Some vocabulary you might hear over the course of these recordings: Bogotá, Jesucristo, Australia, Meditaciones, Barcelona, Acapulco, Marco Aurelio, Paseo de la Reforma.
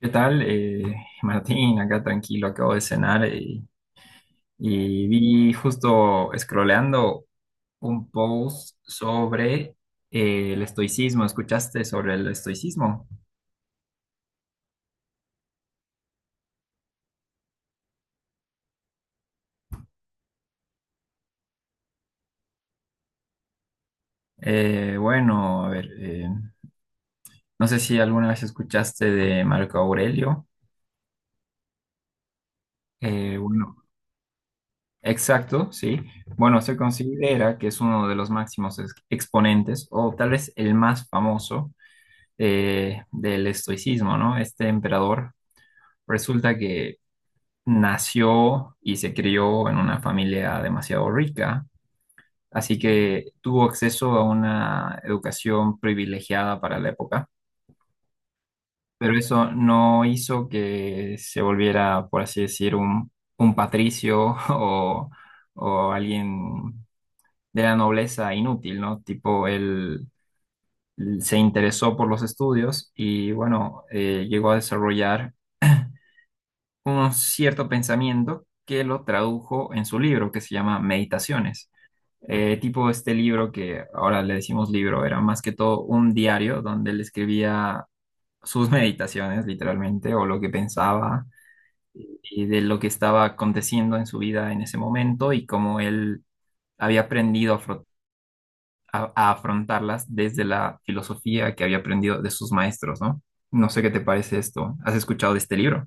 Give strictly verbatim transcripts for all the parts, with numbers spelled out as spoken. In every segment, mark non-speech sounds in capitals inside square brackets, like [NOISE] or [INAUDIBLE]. ¿Qué tal? Eh, Martín, acá tranquilo, acabo de cenar eh, y, vi justo scrolleando un post sobre eh, el estoicismo. ¿Escuchaste sobre el estoicismo? Eh, bueno, a ver, eh, no sé si alguna vez escuchaste de Marco Aurelio. Eh, bueno, exacto, sí. Bueno, se considera que es uno de los máximos ex- exponentes o tal vez el más famoso eh, del estoicismo, ¿no? Este emperador. Resulta que nació y se crió en una familia demasiado rica, así que tuvo acceso a una educación privilegiada para la época, pero eso no hizo que se volviera, por así decir, un, un patricio [LAUGHS] o, o alguien de la nobleza inútil, ¿no? Tipo, él se interesó por los estudios y, bueno, eh, llegó a desarrollar un cierto pensamiento que lo tradujo en su libro que se llama Meditaciones. Eh, tipo este libro que ahora le decimos libro, era más que todo un diario donde él escribía sus [LAUGHS] meditaciones, literalmente, o lo que pensaba y de lo que estaba aconteciendo en su vida en ese momento y cómo él había aprendido a, afro- a- a afrontarlas desde la filosofía que había aprendido de sus maestros, ¿no? No sé qué te parece esto. ¿Has escuchado de este libro?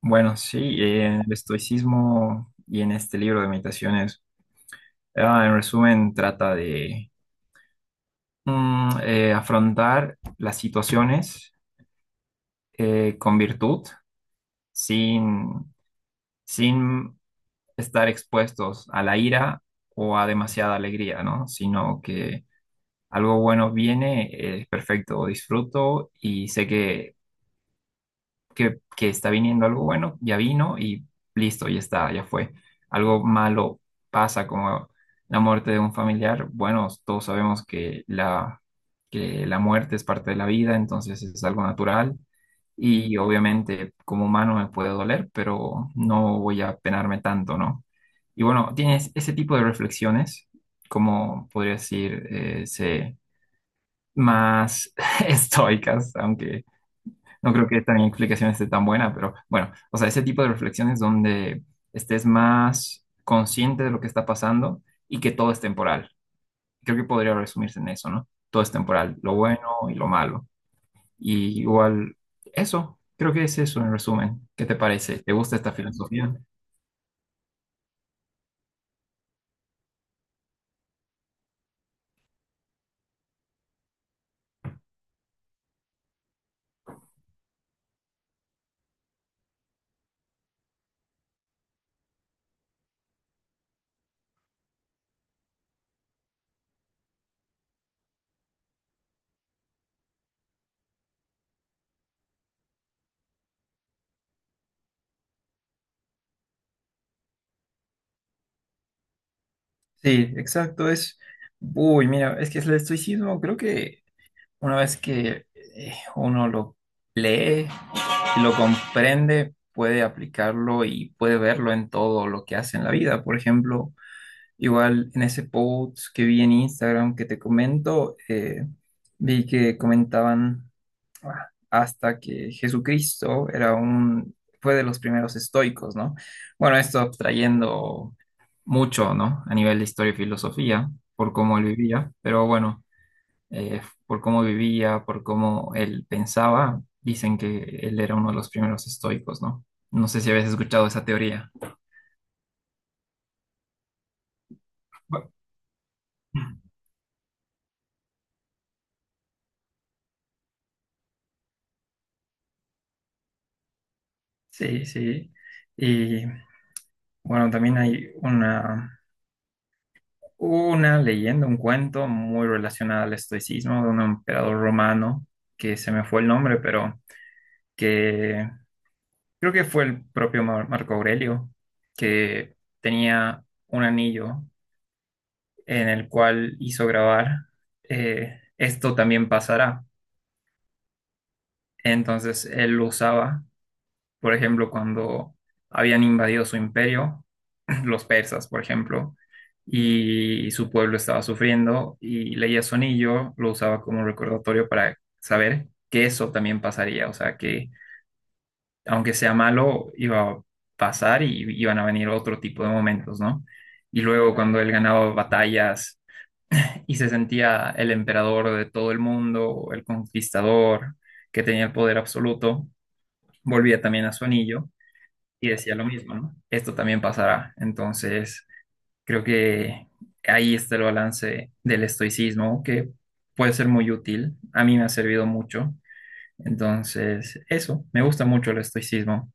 Bueno, sí, eh, en el estoicismo y en este libro de meditaciones, ah, en resumen, trata de Mm, eh, afrontar las situaciones eh, con virtud, sin, sin estar expuestos a la ira o a demasiada alegría, ¿no? Sino que algo bueno viene, eh, es perfecto, disfruto y sé que que, que está viniendo algo bueno, ya vino y listo, ya está, ya fue. Algo malo pasa como la muerte de un familiar, bueno, todos sabemos que la, que la muerte es parte de la vida, entonces es algo natural y obviamente como humano me puede doler, pero no voy a penarme tanto, ¿no? Y bueno, tienes ese tipo de reflexiones, como podría decir, eh, se- más [LAUGHS] estoicas, aunque no creo que esta mi explicación esté tan buena, pero bueno, o sea, ese tipo de reflexiones donde estés más consciente de lo que está pasando y que todo es temporal. Creo que podría resumirse en eso, ¿no? Todo es temporal, lo bueno y lo malo. Y igual, eso, creo que es eso en resumen. ¿Qué te parece? ¿Te gusta esta filosofía? Sí, exacto, es... Uy, mira, es que el estoicismo creo que Una vez que eh, uno lo lee y lo comprende, puede aplicarlo y puede verlo en todo lo que hace en la vida. Por ejemplo, igual en ese post que vi en Instagram que te comento, eh, vi que comentaban ah, hasta que Jesucristo era un, fue de los primeros estoicos, ¿no? Bueno, esto abstrayendo mucho, ¿no? A nivel de historia y filosofía, por cómo él vivía, pero bueno eh, por cómo vivía, por cómo él pensaba, dicen que él era uno de los primeros estoicos, ¿no? No sé si habías escuchado esa teoría. Bu- Sí, sí. Y bueno, también hay una, una leyenda, un cuento muy relacionado al estoicismo de un emperador romano, que se me fue el nombre, pero que creo que fue el propio Mar- Marco Aurelio, que tenía un anillo en el cual hizo grabar, eh, esto también pasará. Entonces él lo usaba, por ejemplo, cuando habían invadido su imperio, [CLEARS THROAT] los persas, por ejemplo, y su pueblo estaba sufriendo y leía su anillo, lo usaba como recordatorio para saber que eso también pasaría, o sea, que aunque sea malo, iba a pasar y iban a venir otro tipo de momentos, ¿no? Y luego cuando él ganaba batallas, y se sentía el emperador de todo el mundo, el conquistador que tenía el poder absoluto, volvía también a su anillo y decía lo mismo, ¿no? Esto también pasará. Entonces, creo que ahí está el balance del estoicismo, que puede ser muy útil. A mí me ha servido mucho. Entonces, eso, me gusta mucho el estoicismo.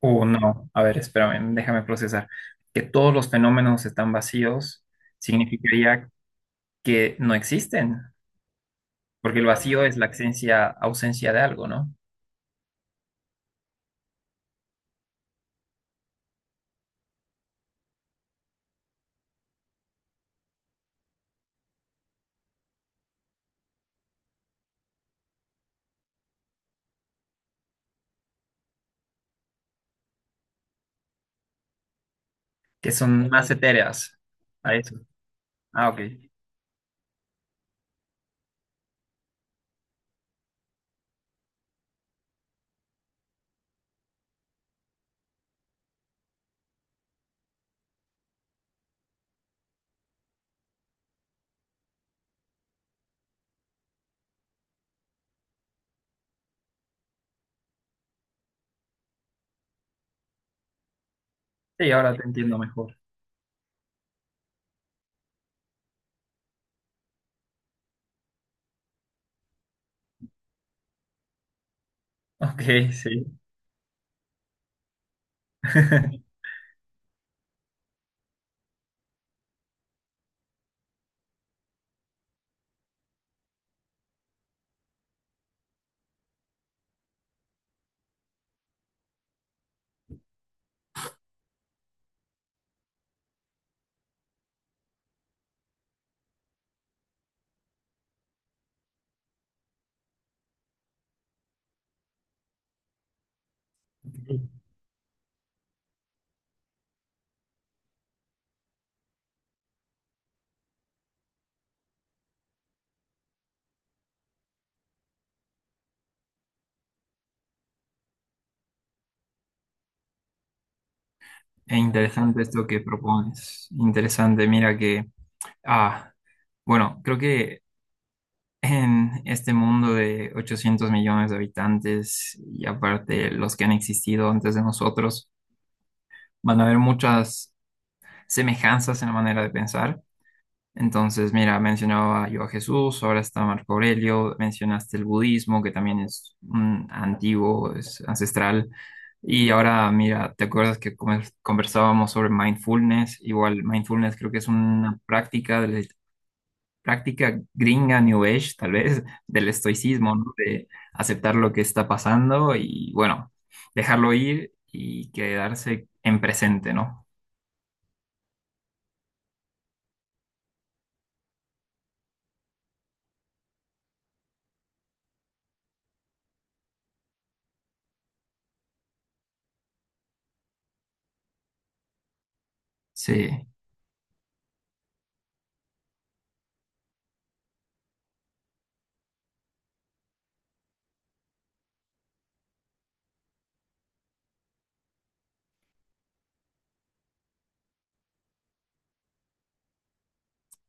O no, a ver, espérame, déjame procesar. Que todos los fenómenos están vacíos significaría que no existen. Porque el vacío es la ausencia, ausencia de algo, ¿no? Que son más etéreas a eso. Ah, ok. Sí, ahora te entiendo mejor. Ok, sí. [LAUGHS] Es interesante esto que propones. Interesante, mira que, ah, bueno, creo que en este mundo de ochocientos millones de habitantes y aparte los que han existido antes de nosotros, van a haber muchas semejanzas en la manera de pensar. Entonces, mira, mencionaba yo a Jesús, ahora está Marco Aurelio, mencionaste el budismo, que también es mm, antiguo, es ancestral. Y ahora, mira, ¿te acuerdas que come- conversábamos sobre mindfulness? Igual, mindfulness creo que es una práctica, de la- práctica gringa, New Age, tal vez, [LAUGHS] del estoicismo, ¿no? De aceptar lo que está pasando y, bueno, dejarlo ir y quedarse en presente, ¿no? Sí.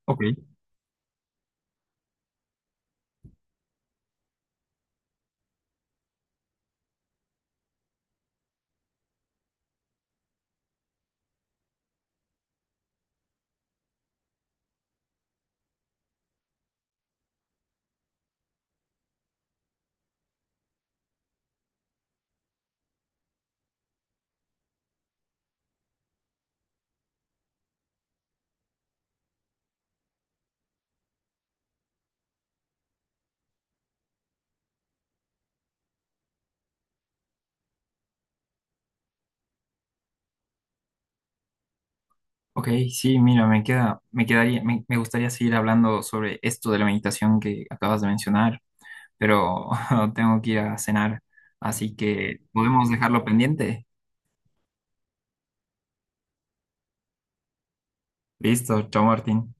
Ok. Ok, sí, mira, me queda, me quedaría, me, me gustaría seguir hablando sobre esto de la meditación que acabas de mencionar, pero [LAUGHS] tengo que ir a cenar, así que podemos dejarlo pendiente. Listo, chao Martín.